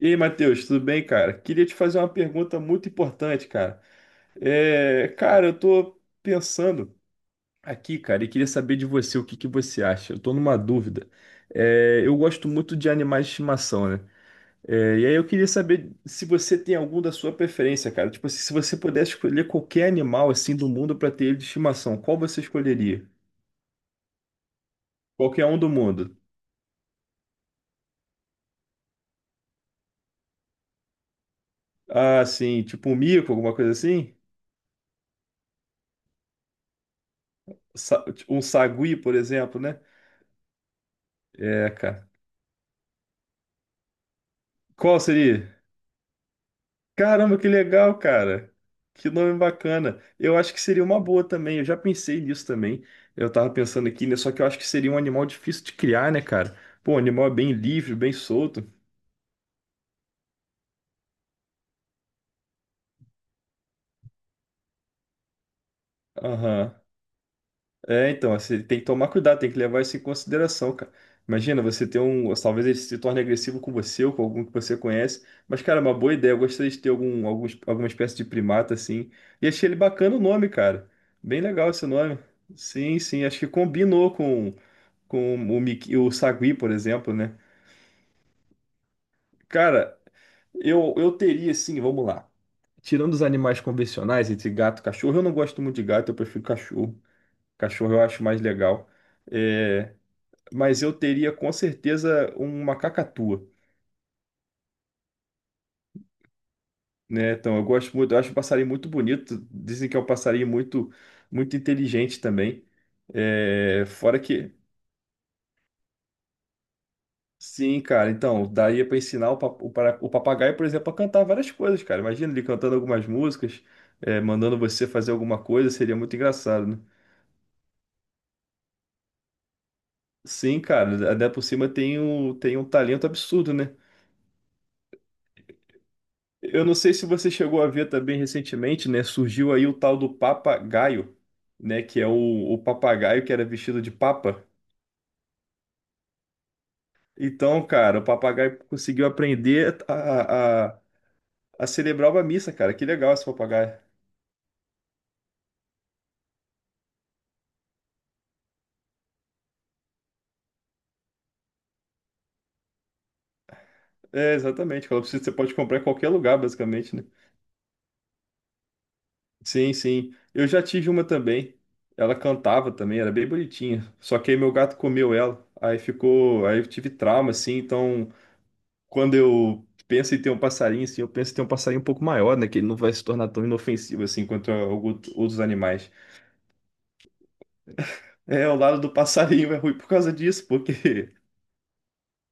E aí, Matheus, tudo bem, cara? Queria te fazer uma pergunta muito importante, cara. Cara, eu tô pensando aqui, cara, e queria saber de você o que você acha. Eu tô numa dúvida. Eu gosto muito de animais de estimação, né? E aí eu queria saber se você tem algum da sua preferência, cara. Tipo, assim, se você pudesse escolher qualquer animal assim do mundo pra ter ele de estimação, qual você escolheria? Qualquer um do mundo. Ah, sim, tipo um mico, alguma coisa assim? Sa- Um sagui, por exemplo, né? É, cara. Qual seria? Caramba, que legal, cara. Que nome bacana. Eu acho que seria uma boa também. Eu já pensei nisso também. Eu tava pensando aqui, né? Só que eu acho que seria um animal difícil de criar, né, cara? Pô, o animal é bem livre, bem solto. Aham. É, então, você tem que tomar cuidado, tem que levar isso em consideração, cara. Imagina, você ter um. Talvez ele se torne agressivo com você ou com algum que você conhece. Mas, cara, é uma boa ideia. Eu gostaria de ter alguma espécie de primata, assim. E achei ele bacana o nome, cara. Bem legal esse nome. Sim, acho que combinou com o, Miki, o Sagui, por exemplo, né? Cara, eu teria, assim, vamos lá. Tirando os animais convencionais, entre gato e cachorro, eu não gosto muito de gato, eu prefiro cachorro. Cachorro eu acho mais legal. É. Mas eu teria com certeza uma cacatua, né? Então, eu gosto muito, eu acho um passarinho muito bonito. Dizem que é um passarinho muito inteligente também. É, fora que, sim, cara. Então, daria para ensinar o, pa- o para- o papagaio, por exemplo, a cantar várias coisas, cara. Imagina ele cantando algumas músicas, mandando você fazer alguma coisa, seria muito engraçado, né? Sim, cara. Ainda por cima tem tem um talento absurdo, né? Eu não sei se você chegou a ver também recentemente, né? Surgiu aí o tal do papagaio, né? O papagaio que era vestido de papa. Então, cara, o papagaio conseguiu aprender a celebrar uma missa, cara. Que legal esse papagaio. É, exatamente, cara. Você pode comprar em qualquer lugar, basicamente, né? Sim, sim. Eu já tive uma também. Ela cantava também, era bem bonitinha. Só que aí meu gato comeu ela. Aí ficou. Aí eu tive trauma, assim, então quando eu penso em ter um passarinho, assim, eu penso em ter um passarinho um pouco maior, né? Que ele não vai se tornar tão inofensivo assim quanto a- algu- outros animais. É, o lado do passarinho é ruim por causa disso, porque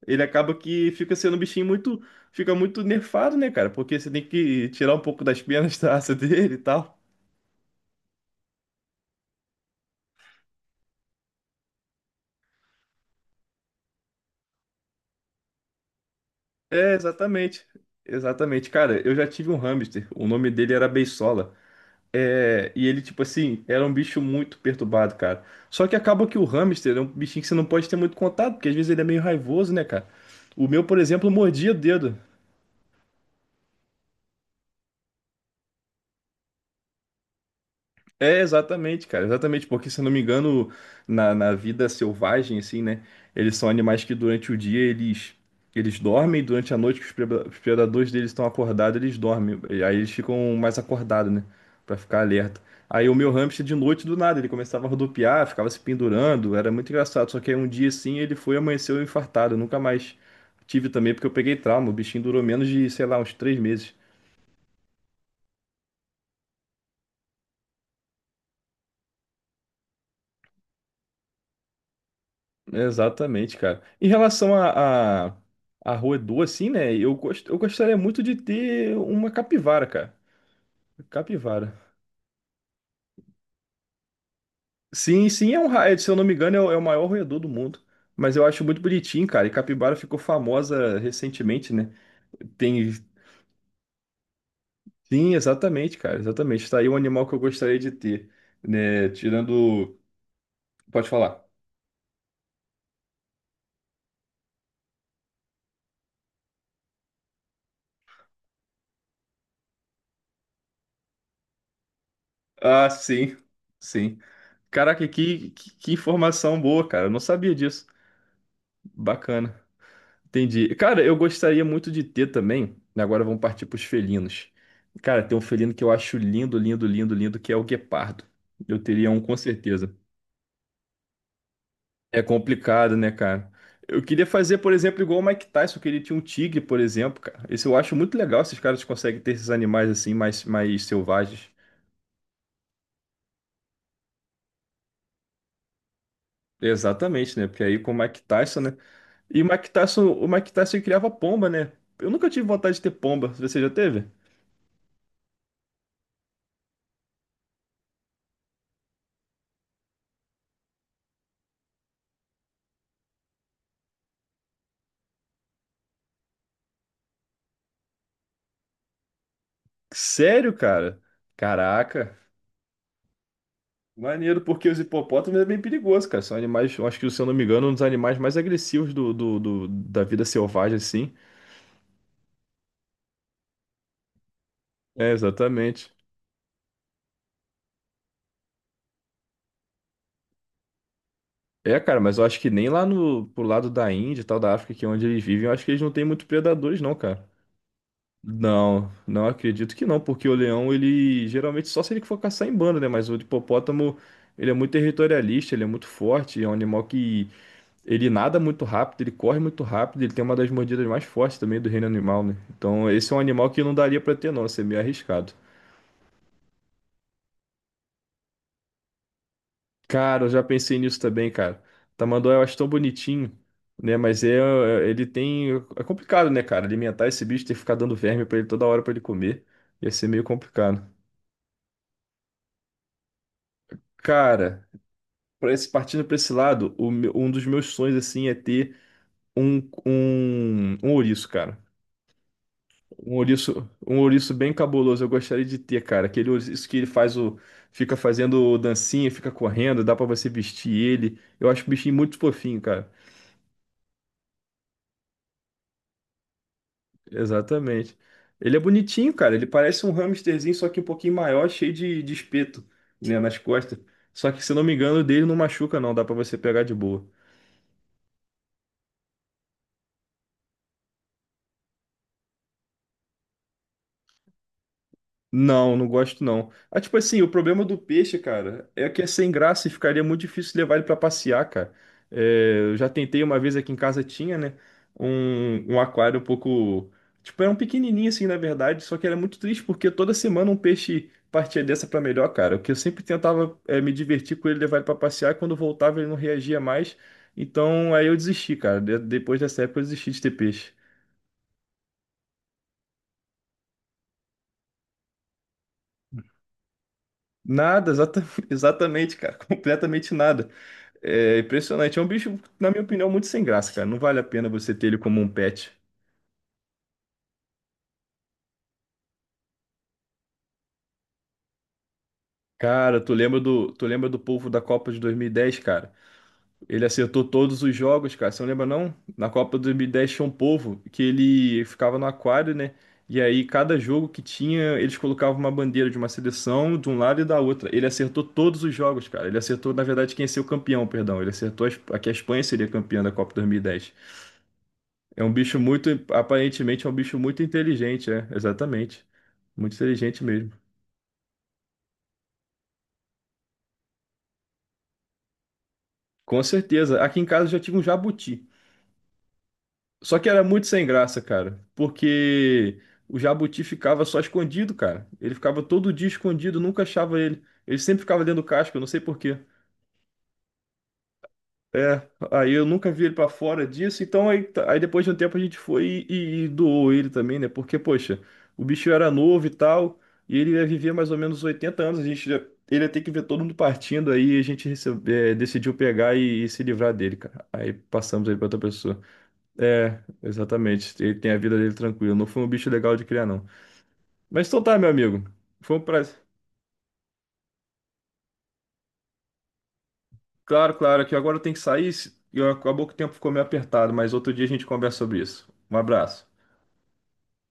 ele acaba que fica sendo um fica muito nerfado, né, cara? Porque você tem que tirar um pouco das penas da asa dele e tal. É, exatamente. Exatamente, cara, eu já tive um hamster, o nome dele era Beisola. É, e ele, tipo assim, era um bicho muito perturbado, cara. Só que acaba que o hamster é um bichinho que você não pode ter muito contato, porque às vezes ele é meio raivoso, né, cara? O meu, por exemplo, mordia o dedo. É, exatamente, cara, exatamente, porque se eu não me engano, na vida selvagem, assim, né, eles são animais que durante o dia, eles dormem, e durante a noite que os predadores deles estão acordados, eles dormem, e aí eles ficam mais acordados, né, pra ficar alerta. Aí o meu hamster de noite do nada, ele começava a rodopiar, ficava se pendurando, era muito engraçado, só que aí um dia assim ele foi e amanheceu infartado, eu nunca mais tive também, porque eu peguei trauma, o bichinho durou menos de, sei lá, uns 3 meses. Exatamente, cara. Em relação à roedor, assim, né? Eu gostaria muito de ter uma capivara, cara. Capivara. Sim, sim, se eu não me engano, é o maior roedor do mundo. Mas eu acho muito bonitinho, cara. E capivara ficou famosa recentemente, né? Tem. Sim, exatamente, cara. Exatamente. Tá aí um animal que eu gostaria de ter, né? Tirando. Pode falar. Ah, sim. Sim. Caraca, que informação boa, cara. Eu não sabia disso. Bacana. Entendi. Cara, eu gostaria muito de ter também. Né, agora vamos partir para os felinos. Cara, tem um felino que eu acho lindo, que é o guepardo. Eu teria um com certeza. É complicado, né, cara? Eu queria fazer, por exemplo, igual o Mike Tyson, que ele tinha um tigre, por exemplo, cara. Esse eu acho muito legal, esses caras conseguem ter esses animais assim, mais selvagens. Exatamente, né? Porque aí com o Mike Tyson, né? E o Mike Tyson ele criava pomba, né? Eu nunca tive vontade de ter pomba. Você já teve? Sério, cara? Caraca. Maneiro, porque os hipopótamos é bem perigoso, cara. São animais, eu acho que, se eu não me engano, um dos animais mais agressivos da vida selvagem, assim. É, exatamente. É, cara, mas eu acho que nem lá no, pro lado da Índia e tal, da África, que é onde eles vivem, eu acho que eles não têm muito predadores, não, cara. Não, não acredito que não, porque o leão, ele geralmente só se ele for caçar em bando, né? Mas o hipopótamo, ele é muito territorialista, ele é muito forte, é um animal que ele nada muito rápido, ele corre muito rápido, ele tem uma das mordidas mais fortes também do reino animal, né? Então, esse é um animal que não daria pra ter, não, isso é meio arriscado. Cara, eu já pensei nisso também, cara. Tamanduá eu acho tão bonitinho, né? Mas ele tem. É complicado, né, cara? Alimentar esse bicho, ter que ficar dando verme pra ele toda hora pra ele comer. Ia ser meio complicado. Cara, pra esse, partindo pra esse lado, um dos meus sonhos, assim, é ter um, um ouriço, cara. Um ouriço bem cabuloso, eu gostaria de ter, cara. Aquele ouriço que ele faz o. Fica fazendo dancinha, fica correndo, dá pra você vestir ele. Eu acho o bichinho muito fofinho, cara. Exatamente. Ele é bonitinho, cara. Ele parece um hamsterzinho, só que um pouquinho maior, cheio de espeto, né, nas costas. Só que, se eu não me engano, o dele não machuca, não. Dá pra você pegar de boa. Não, não gosto não. Ah, tipo assim, o problema do peixe, cara, é que é sem graça e ficaria muito difícil levar ele pra passear, cara. É, eu já tentei uma vez aqui em casa tinha, né, um aquário um pouco, tipo, era um pequenininho assim, na verdade, só que era muito triste porque toda semana um peixe partia dessa pra melhor, cara. Porque eu sempre tentava me divertir com ele, levar ele pra passear, e quando voltava ele não reagia mais. Então aí eu desisti, cara. De- depois dessa época eu desisti de ter peixe. Nada, exatamente, cara, completamente nada. É impressionante. É um bicho, na minha opinião, muito sem graça, cara. Não vale a pena você ter ele como um pet. Cara, tu lembra do povo da Copa de 2010, cara? Ele acertou todos os jogos, cara. Você não lembra, não? Na Copa de 2010 tinha um povo que ele ficava no aquário, né? E aí, cada jogo que tinha, eles colocavam uma bandeira de uma seleção de um lado e da outra. Ele acertou todos os jogos, cara. Ele acertou, na verdade, quem ia ser o campeão, perdão. Ele acertou que a Espanha seria campeã da Copa 2010. É um bicho muito, aparentemente é um bicho muito inteligente, é, exatamente. Muito inteligente mesmo. Com certeza. Aqui em casa já tinha um jabuti. Só que era muito sem graça, cara, porque o jabuti ficava só escondido, cara. Ele ficava todo dia escondido, nunca achava ele. Ele sempre ficava dentro do casco, eu não sei por quê. É, aí eu nunca vi ele pra fora disso, então aí, aí depois de um tempo a gente foi e doou ele também, né? Porque, poxa, o bicho era novo e tal, e ele ia viver mais ou menos 80 anos, ele ia ter que ver todo mundo partindo, aí a gente decidiu pegar e se livrar dele, cara. Aí passamos ele pra outra pessoa. É, exatamente, ele tem a vida dele tranquilo, não foi um bicho legal de criar, não. Mas então tá, meu amigo, foi um prazer. Claro, claro, que agora eu tenho que sair, e acabou que o tempo ficou meio apertado, mas outro dia a gente conversa sobre isso. Um abraço.